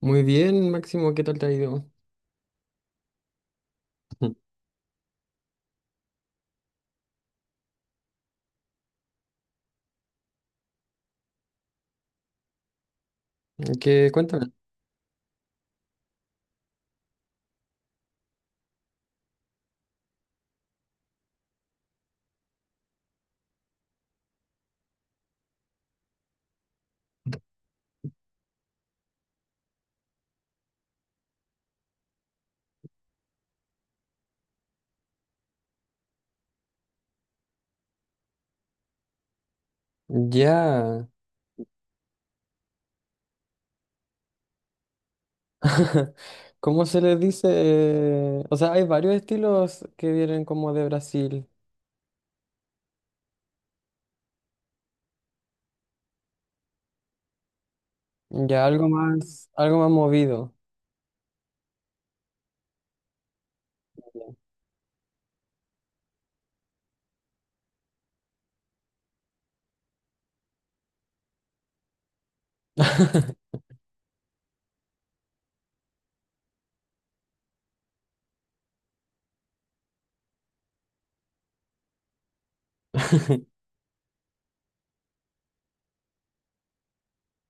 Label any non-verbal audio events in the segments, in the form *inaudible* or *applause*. Muy bien, Máximo, ¿qué tal te ha ido? *laughs* ¿Qué, cuéntame? Ya. *laughs* ¿Cómo se les dice? O sea, hay varios estilos que vienen como de Brasil. Ya algo más movido. *laughs*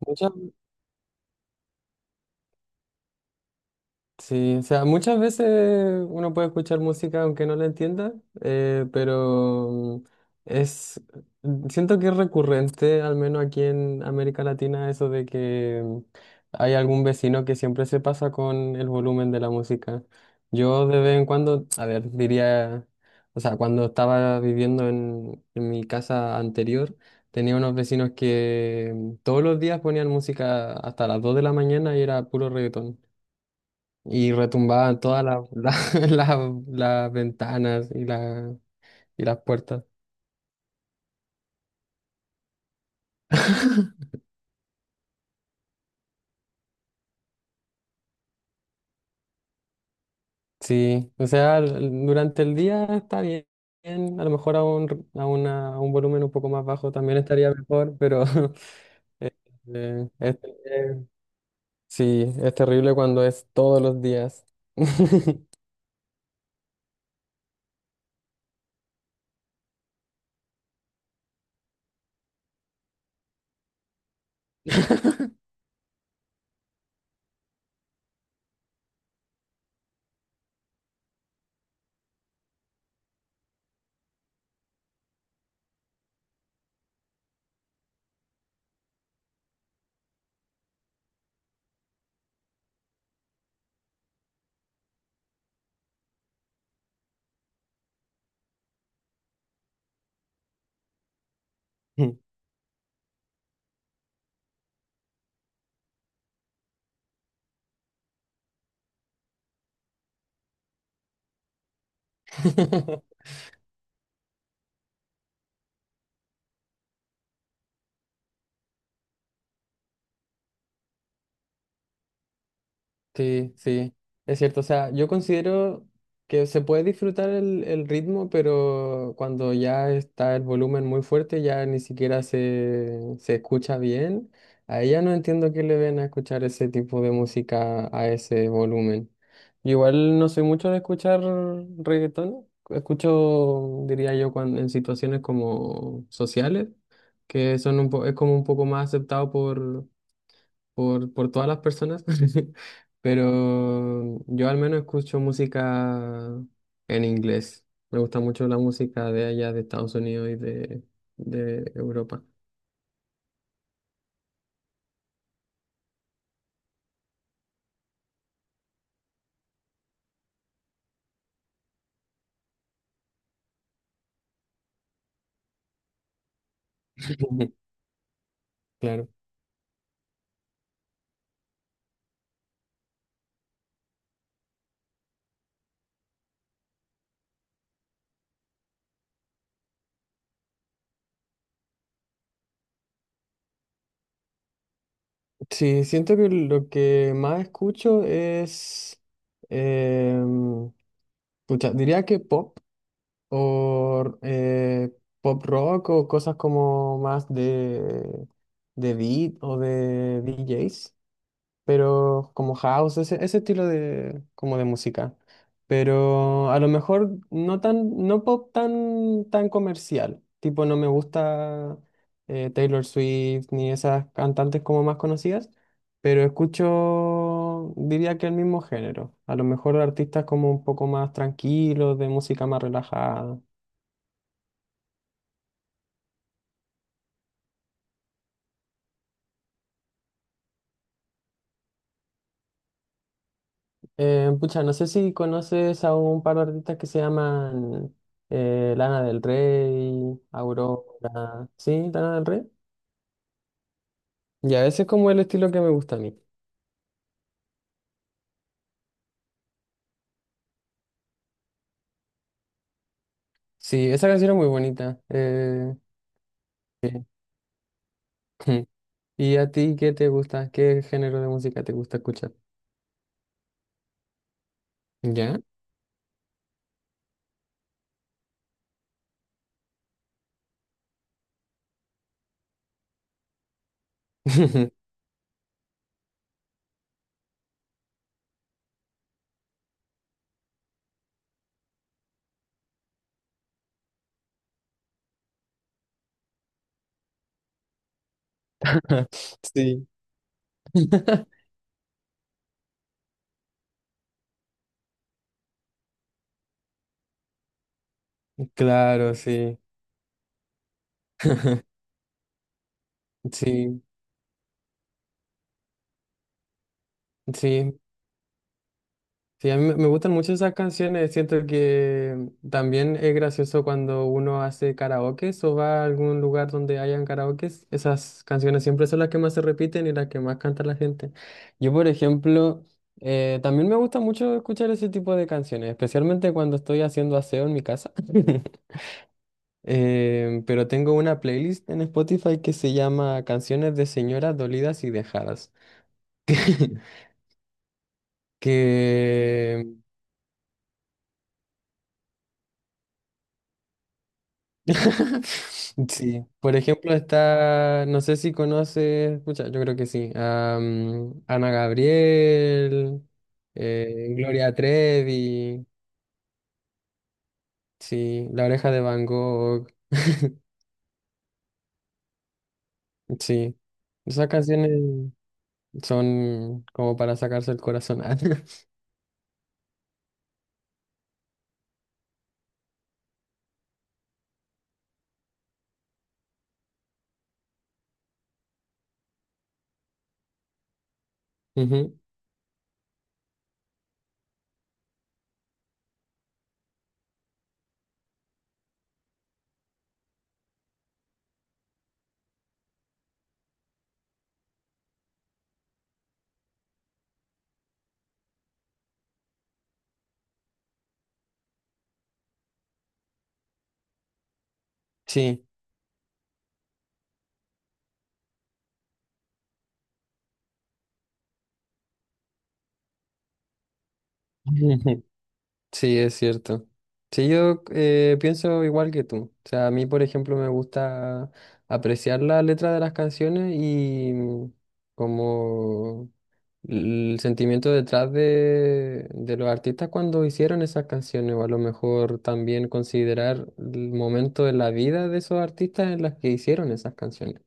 Muchas. Sí, o sea, muchas veces uno puede escuchar música aunque no la entienda, pero es, siento que es recurrente, al menos aquí en América Latina, eso de que hay algún vecino que siempre se pasa con el volumen de la música. Yo de vez en cuando, a ver, diría, o sea, cuando estaba viviendo en mi casa anterior, tenía unos vecinos que todos los días ponían música hasta las 2 de la mañana y era puro reggaetón y retumbaban todas *laughs* las ventanas y, la, y las puertas. Sí, o sea, durante el día está bien, a lo mejor a un volumen un poco más bajo también estaría mejor, pero *laughs* eh, eh, es- eh, sí, es terrible cuando es todos los días. *laughs* *laughs* Sí, sí, es cierto. O sea, yo considero que se puede disfrutar el ritmo, pero cuando ya está el volumen muy fuerte, ya ni siquiera se escucha bien. A ella no entiendo qué le ven a escuchar ese tipo de música a ese volumen. Yo igual no soy mucho de escuchar reggaetón. Escucho, diría yo, cuando, en situaciones como sociales, que son es como un poco más aceptado por por todas las personas, *laughs* pero yo al menos escucho música en inglés. Me gusta mucho la música de allá, de Estados Unidos y de Europa. *laughs* Claro. Sí, siento que lo que más escucho es, em, pucha, diría que pop o pop rock o cosas como más de beat o de DJs, pero como house, ese estilo de, como de música. Pero a lo mejor no tan, no pop tan, tan comercial. Tipo, no me gusta Taylor Swift ni esas cantantes como más conocidas, pero escucho, diría que el mismo género. A lo mejor artistas como un poco más tranquilos, de música más relajada. Pucha, no sé si conoces a un par de artistas que se llaman Lana del Rey, Aurora. ¿Sí? Lana del Rey. Ya, ese es como el estilo que me gusta a mí. Sí, esa canción es muy bonita. Sí. *laughs* ¿Y a ti qué te gusta? ¿Qué género de música te gusta escuchar? ¿Ya? *laughs* Sí. *laughs* Claro, sí. *laughs* Sí, sí. Sí, a mí me me gustan mucho esas canciones. Siento que también es gracioso cuando uno hace karaokes o va a algún lugar donde hayan karaokes. Esas canciones siempre son las que más se repiten y las que más canta la gente. Yo, por ejemplo, también me gusta mucho escuchar ese tipo de canciones, especialmente cuando estoy haciendo aseo en mi casa. *laughs* Pero tengo una playlist en Spotify que se llama Canciones de Señoras Dolidas y Dejadas. *laughs* que *laughs* Sí, por ejemplo está, no sé si conoces, pucha, yo creo que sí, a, mm, Ana Gabriel, Gloria Trevi, sí, La Oreja de Van Gogh, *laughs* sí, esas canciones son como para sacarse el corazón. *laughs* Ujú. Sí. *laughs* Sí, es cierto. Sí, yo pienso igual que tú. O sea, a mí, por ejemplo, me gusta apreciar la letra de las canciones y mm, como el sentimiento detrás de los artistas cuando hicieron esas canciones, o a lo mejor también considerar el momento de la vida de esos artistas en las que hicieron esas canciones.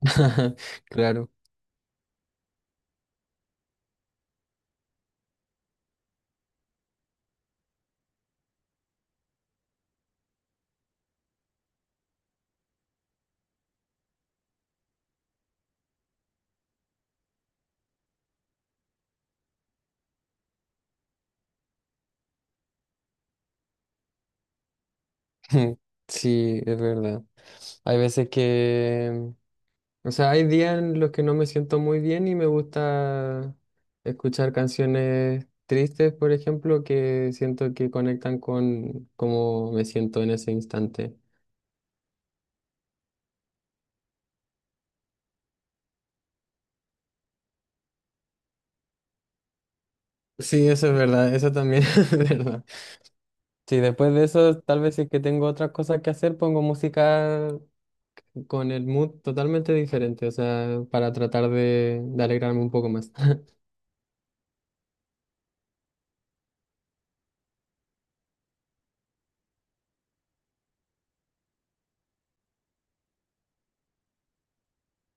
*laughs* Claro. *laughs* Sí, es verdad. Hay veces que o sea, hay días en los que no me siento muy bien y me gusta escuchar canciones tristes, por ejemplo, que siento que conectan con cómo me siento en ese instante. Sí, eso es verdad, eso también *laughs* es verdad. Sí, después de eso, tal vez si es que tengo otras cosas que hacer, pongo música con el mood totalmente diferente, o sea, para tratar de alegrarme un poco más. *laughs*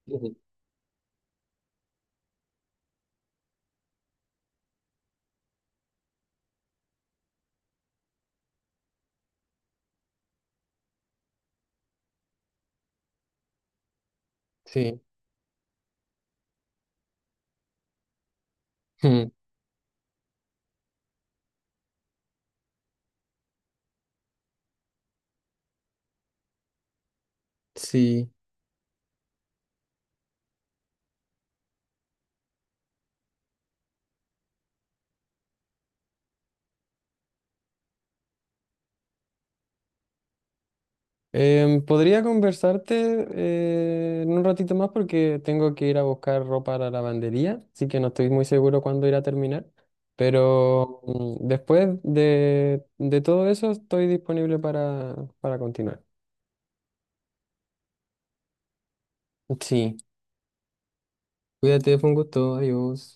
Ujú. Sí, *laughs* sí. Em, podría conversarte en un ratito más porque tengo que ir a buscar ropa a la lavandería, así que no estoy muy seguro cuándo irá a terminar, pero mm, después de todo eso estoy disponible para continuar. Sí, cuídate, fue un gusto, adiós.